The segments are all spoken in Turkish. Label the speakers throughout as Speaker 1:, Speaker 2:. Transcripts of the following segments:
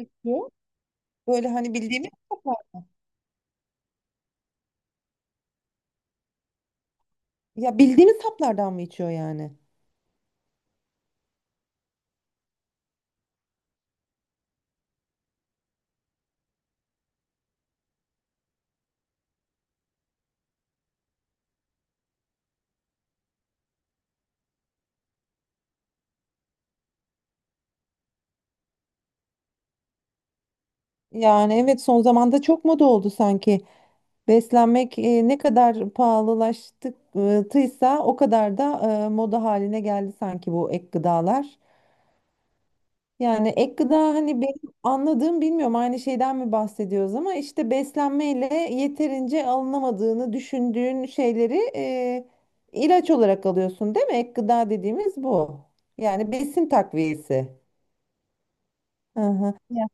Speaker 1: İçiyor? Böyle hani bildiğimiz saplar. Ya bildiğimiz saplardan mı içiyor yani? Yani evet son zamanda çok moda oldu sanki. Beslenmek ne kadar pahalılaştıysa o kadar da moda haline geldi sanki bu ek gıdalar. Yani ek gıda hani benim anladığım bilmiyorum aynı şeyden mi bahsediyoruz ama işte beslenmeyle yeterince alınamadığını düşündüğün şeyleri ilaç olarak alıyorsun değil mi? Ek gıda dediğimiz bu. Yani besin takviyesi. Aha. Ya.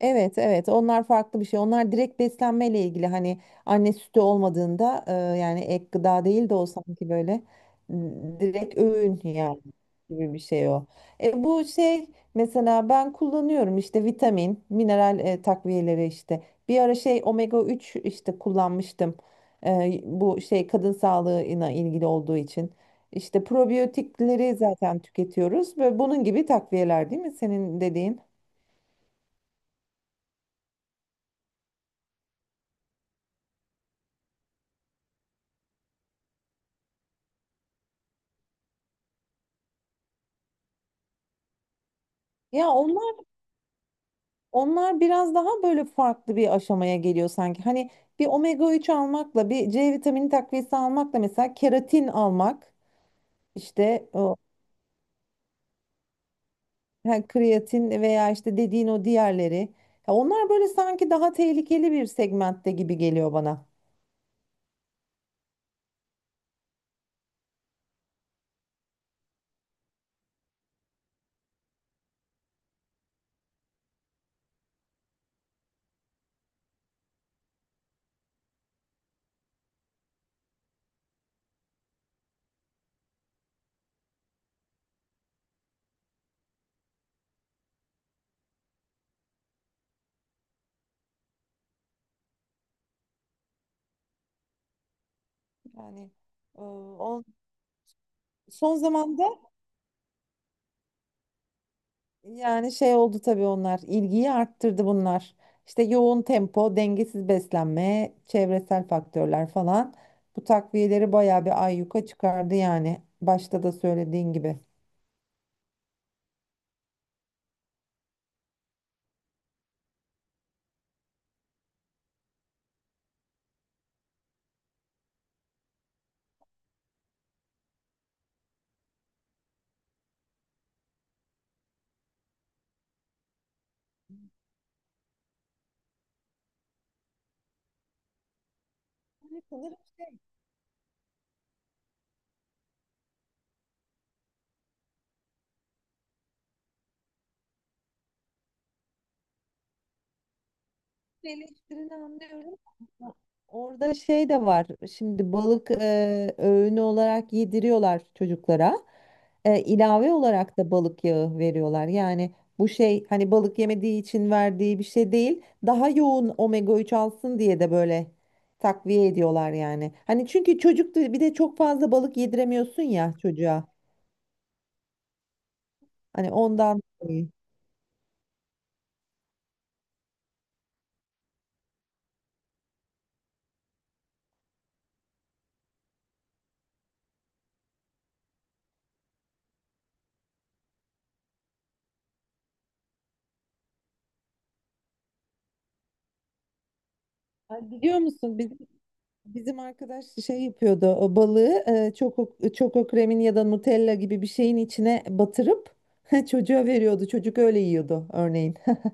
Speaker 1: Evet evet onlar farklı bir şey. Onlar direkt beslenmeyle ilgili hani anne sütü olmadığında yani ek gıda değil de o sanki böyle direkt öğün yani gibi bir şey o. Bu şey mesela ben kullanıyorum işte vitamin, mineral takviyeleri işte. Bir ara şey omega 3 işte kullanmıştım. Bu şey kadın sağlığına ilgili olduğu için. İşte probiyotikleri zaten tüketiyoruz ve bunun gibi takviyeler değil mi senin dediğin? Ya onlar biraz daha böyle farklı bir aşamaya geliyor sanki. Hani bir omega 3 almakla bir C vitamini takviyesi almakla mesela keratin almak işte o ha, kreatin veya işte dediğin o diğerleri. Ya onlar böyle sanki daha tehlikeli bir segmentte gibi geliyor bana. Yani o son zamanda. Yani şey oldu tabii onlar. İlgiyi arttırdı bunlar. İşte yoğun tempo, dengesiz beslenme, çevresel faktörler falan. Bu takviyeleri bayağı bir ayyuka çıkardı yani. Başta da söylediğin gibi. Orada şey de var. Şimdi balık öğünü olarak yediriyorlar çocuklara. İlave olarak da balık yağı veriyorlar. Yani bu şey hani balık yemediği için verdiği bir şey değil. Daha yoğun omega 3 alsın diye de böyle takviye ediyorlar yani. Hani çünkü bir de çok fazla balık yediremiyorsun ya çocuğa. Hani ondan dolayı. Ay, biliyor musun bizim arkadaş şey yapıyordu o balığı çoko kremin ya da Nutella gibi bir şeyin içine batırıp çocuğa veriyordu. Çocuk öyle yiyordu örneğin.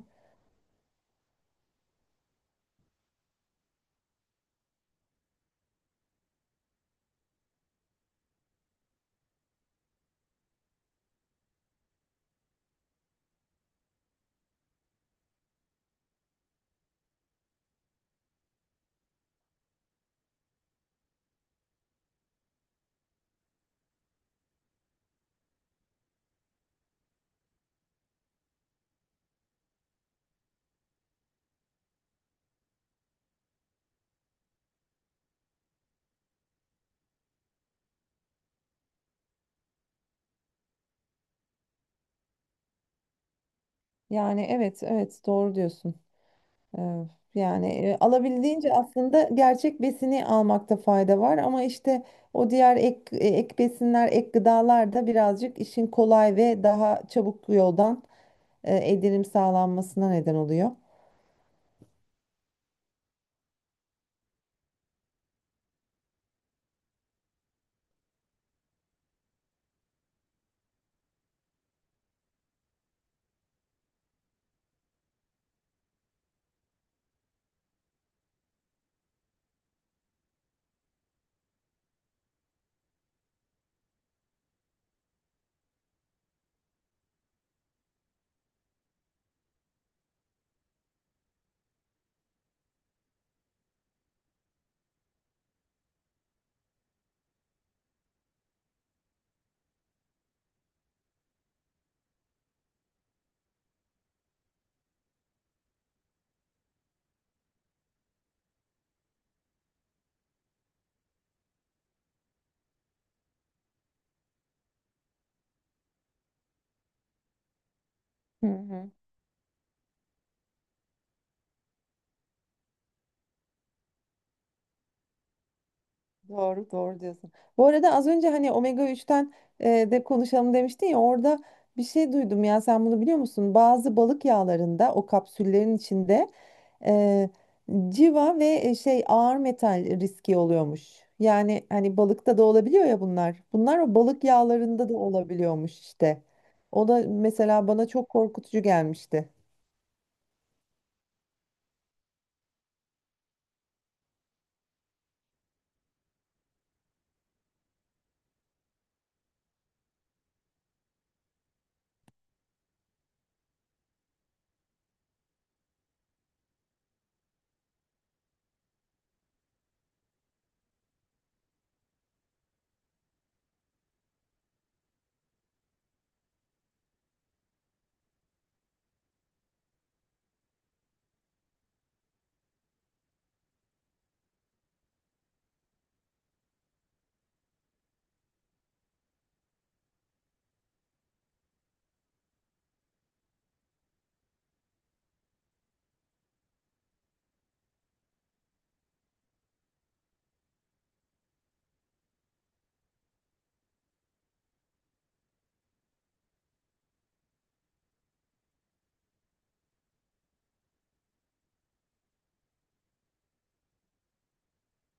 Speaker 1: Yani evet evet doğru diyorsun. Ee, yani alabildiğince aslında gerçek besini almakta fayda var ama işte o diğer ek besinler, ek gıdalar da birazcık işin kolay ve daha çabuk yoldan edinim sağlanmasına neden oluyor. Hı hı. Doğru, doğru diyorsun. Bu arada az önce hani omega 3'ten de konuşalım demiştin ya orada bir şey duydum ya sen bunu biliyor musun? Bazı balık yağlarında o kapsüllerin içinde e, civa ve şey ağır metal riski oluyormuş. Yani hani balıkta da olabiliyor ya bunlar. Bunlar o balık yağlarında da olabiliyormuş işte. O da mesela bana çok korkutucu gelmişti.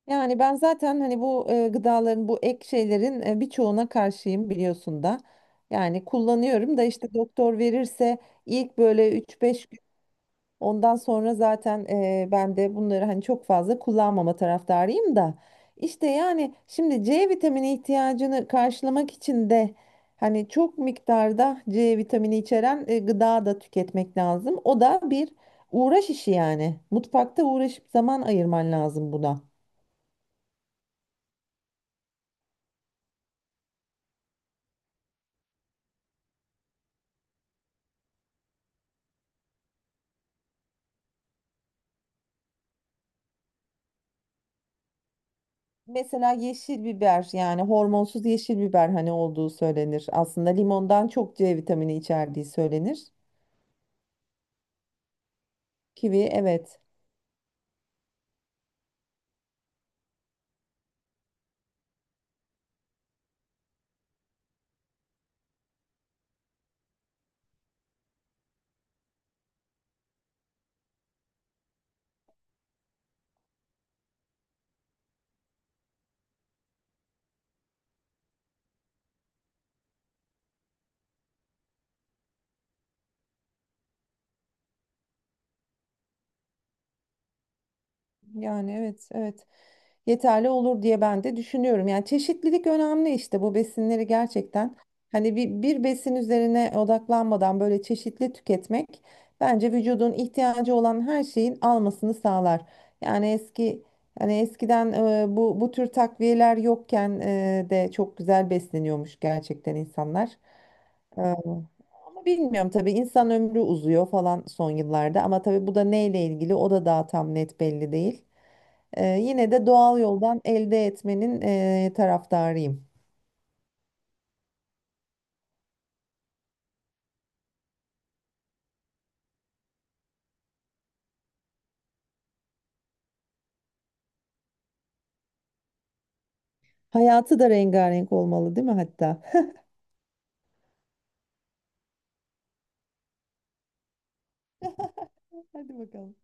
Speaker 1: Yani ben zaten hani bu gıdaların bu ek şeylerin birçoğuna karşıyım biliyorsun da. Yani kullanıyorum da işte doktor verirse ilk böyle üç beş gün ondan sonra zaten ben de bunları hani çok fazla kullanmama taraftarıyım da. İşte yani şimdi C vitamini ihtiyacını karşılamak için de hani çok miktarda C vitamini içeren gıda da tüketmek lazım. O da bir uğraş işi yani. Mutfakta uğraşıp zaman ayırman lazım buna. Mesela yeşil biber yani hormonsuz yeşil biber hani olduğu söylenir. Aslında limondan çok C vitamini içerdiği söylenir. Kivi evet. Yani evet evet. Yeterli olur diye ben de düşünüyorum. Yani çeşitlilik önemli işte bu besinleri gerçekten hani bir besin üzerine odaklanmadan böyle çeşitli tüketmek bence vücudun ihtiyacı olan her şeyin almasını sağlar. Yani eski hani eskiden bu bu tür takviyeler yokken de çok güzel besleniyormuş gerçekten insanlar. E, ama bilmiyorum tabii insan ömrü uzuyor falan son yıllarda ama tabii bu da neyle ilgili o da daha tam net belli değil. Yine de doğal yoldan elde etmenin taraftarıyım. Hayatı da rengarenk olmalı, değil mi hatta? Hadi bakalım.